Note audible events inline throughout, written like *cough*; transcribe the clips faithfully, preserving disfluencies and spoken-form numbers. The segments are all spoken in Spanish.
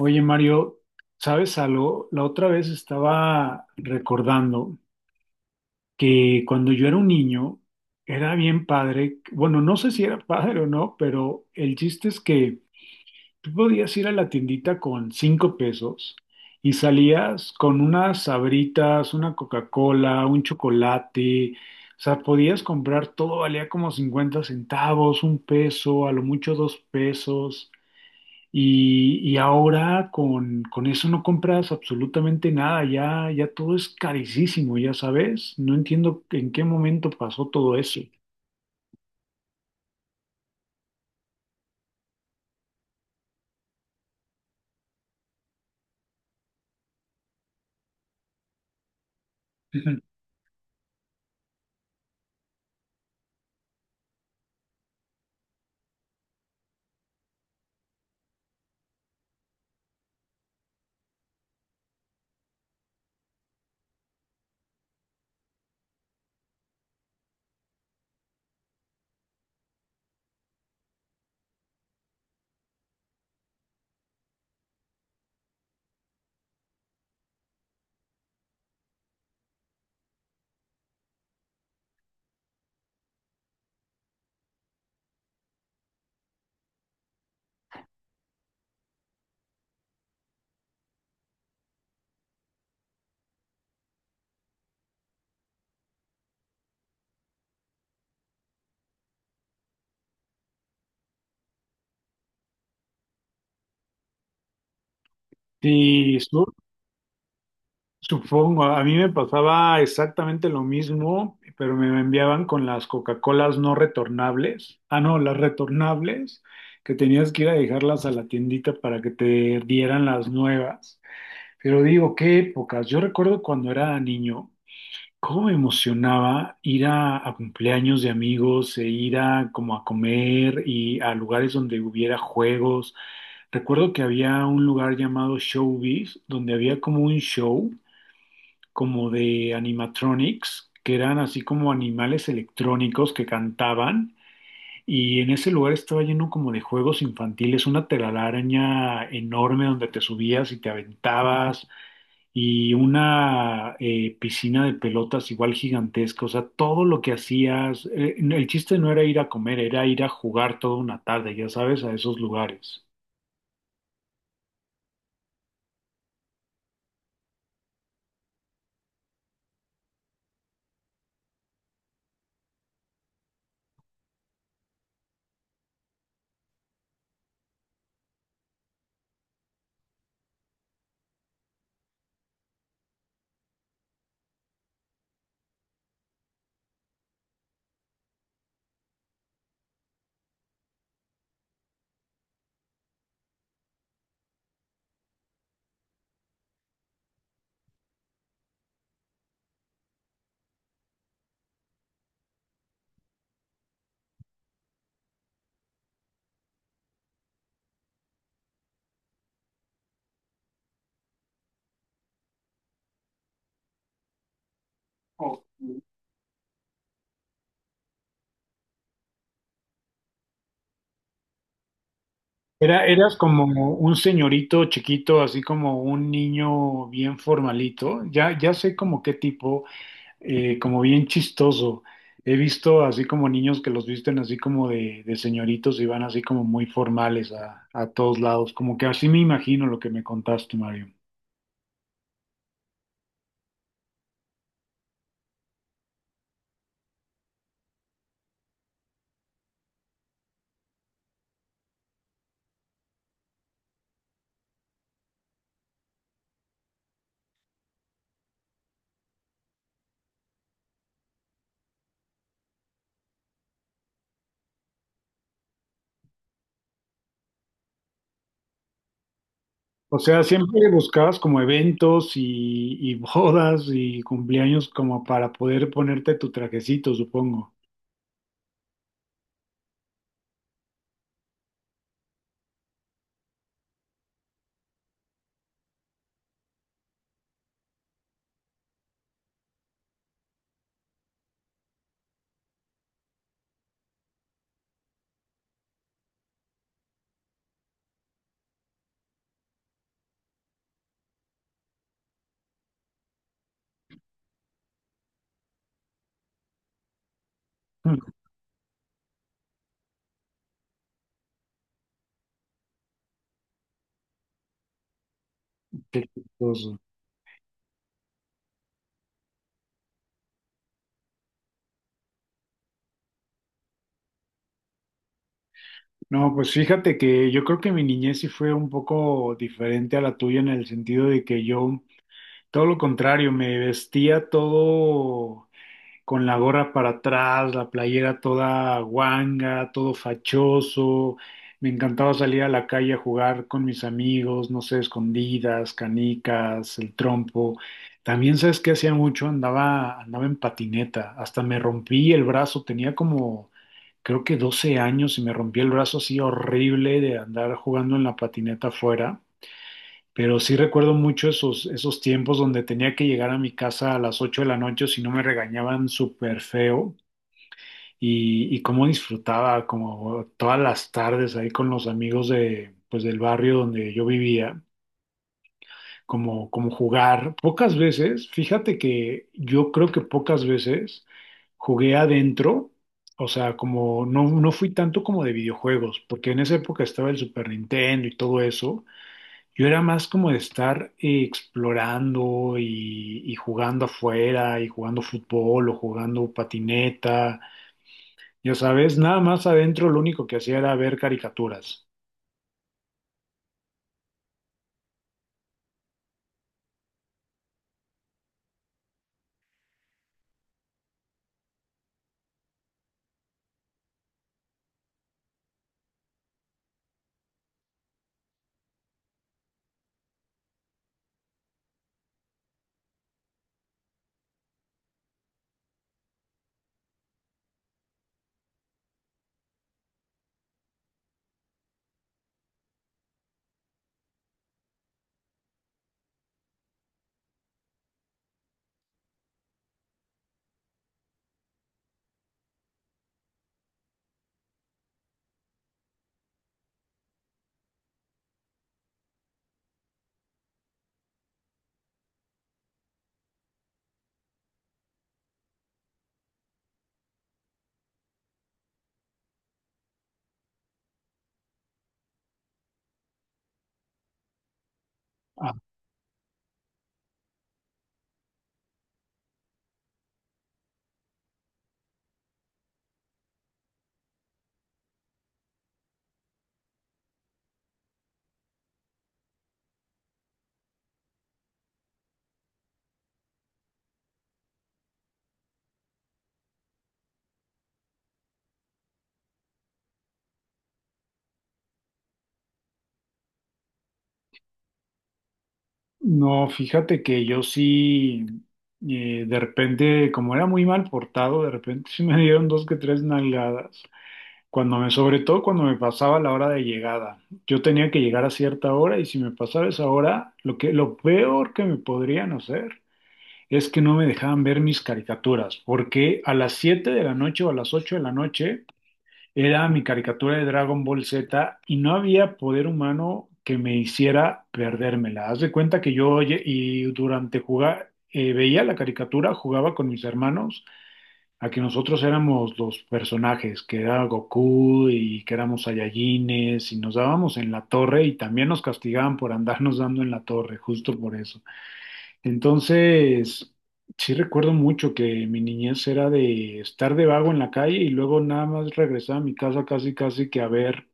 Oye, Mario, ¿sabes algo? La otra vez estaba recordando que cuando yo era un niño era bien padre. Bueno, no sé si era padre o no, pero el chiste es que tú podías ir a la tiendita con cinco pesos y salías con unas sabritas, una Coca-Cola, un chocolate, o sea, podías comprar todo, valía como cincuenta centavos, un peso, a lo mucho dos pesos. Y, y ahora con, con eso no compras absolutamente nada, ya, ya todo es carísimo, ya sabes. No entiendo en qué momento pasó todo eso. Ujú. Sí, su- supongo, a mí me pasaba exactamente lo mismo, pero me enviaban con las Coca-Colas no retornables. Ah, no, las retornables, que tenías que ir a dejarlas a la tiendita para que te dieran las nuevas. Pero digo, qué épocas. Yo recuerdo cuando era niño, cómo me emocionaba ir a, a cumpleaños de amigos e ir a como a comer y a lugares donde hubiera juegos. Recuerdo que había un lugar llamado Showbiz, donde había como un show como de animatronics, que eran así como animales electrónicos que cantaban. Y en ese lugar estaba lleno como de juegos infantiles, una telaraña enorme donde te subías y te aventabas, y una eh, piscina de pelotas igual gigantesca. O sea, todo lo que hacías, eh, el chiste no era ir a comer, era ir a jugar toda una tarde, ya sabes, a esos lugares. Ok. Era, eras como un señorito chiquito, así como un niño bien formalito, ya, ya sé como qué tipo, eh, como bien chistoso. He visto así como niños que los visten así como de, de señoritos y van así como muy formales a, a todos lados, como que así me imagino lo que me contaste, Mario. O sea, siempre buscabas como eventos y, y bodas y cumpleaños como para poder ponerte tu trajecito, supongo. *laughs* Qué chistoso. No, pues fíjate que yo creo que mi niñez sí fue un poco diferente a la tuya en el sentido de que yo, todo lo contrario, me vestía todo con la gorra para atrás, la playera toda guanga, todo fachoso. Me encantaba salir a la calle a jugar con mis amigos, no sé, escondidas, canicas, el trompo. También sabes qué hacía mucho, andaba, andaba en patineta, hasta me rompí el brazo, tenía como creo que doce años y me rompí el brazo así horrible de andar jugando en la patineta afuera. Pero sí recuerdo mucho esos, esos tiempos donde tenía que llegar a mi casa a las ocho de la noche, o si no me regañaban súper feo. Y, y cómo disfrutaba como todas las tardes ahí con los amigos de, pues, del barrio donde yo vivía, como, como jugar. Pocas veces, fíjate que yo creo que pocas veces jugué adentro, o sea, como no, no fui tanto como de videojuegos, porque en esa época estaba el Super Nintendo y todo eso. Yo era más como de estar eh, explorando y, y jugando afuera y jugando fútbol o jugando patineta. Ya sabes, nada más adentro lo único que hacía era ver caricaturas. Ah, no, fíjate que yo sí, eh, de repente, como era muy mal portado, de repente sí me dieron dos que tres nalgadas. Cuando me, sobre todo cuando me pasaba la hora de llegada. Yo tenía que llegar a cierta hora y si me pasaba esa hora, lo que, lo peor que me podrían hacer es que no me dejaban ver mis caricaturas, porque a las siete de la noche o a las ocho de la noche era mi caricatura de Dragon Ball Z y no había poder humano que me hiciera perdérmela. Haz de cuenta que yo oye, y durante jugar eh, veía la caricatura, jugaba con mis hermanos, a que nosotros éramos los personajes, que era Goku y que éramos Saiyajines, y nos dábamos en la torre, y también nos castigaban por andarnos dando en la torre, justo por eso. Entonces, sí recuerdo mucho que mi niñez era de estar de vago en la calle y luego nada más regresar a mi casa casi casi que a ver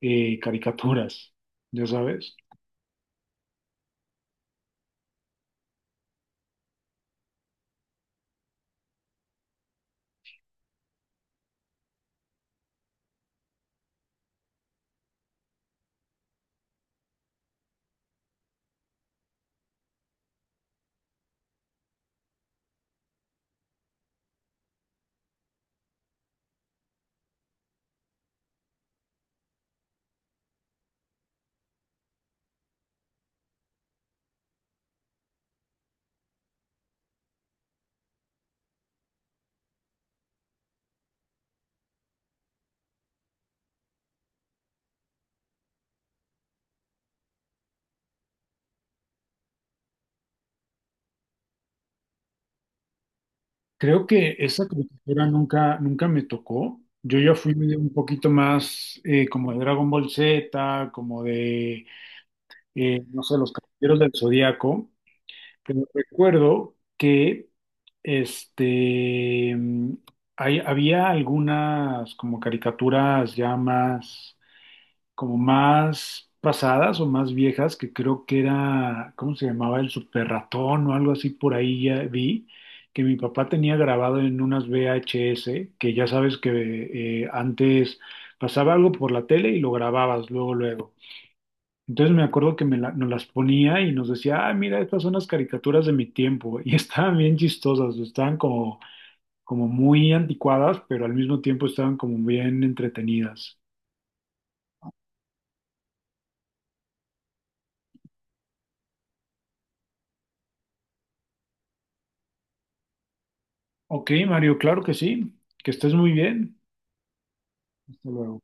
eh, caricaturas, ya sabes. Creo que esa caricatura nunca, nunca me tocó. Yo ya fui medio un poquito más eh, como de Dragon Ball Z, como de, eh, no sé, los Caballeros del Zodíaco. Pero recuerdo que este mm, hay- había algunas como caricaturas ya más como más pasadas o más viejas, que creo que era, ¿cómo se llamaba? El super ratón o algo así. Por ahí ya vi que mi papá tenía grabado en unas V H S, que ya sabes que eh, antes pasaba algo por la tele y lo grababas luego luego. Entonces me acuerdo que me la- nos las ponía y nos decía, ah, mira, estas son las caricaturas de mi tiempo. Y *laughs* estaban bien chistosas, estaban como, como muy anticuadas, pero al mismo tiempo estaban como bien entretenidas. Ok, Mario, claro que sí. Que estés muy bien. Hasta luego.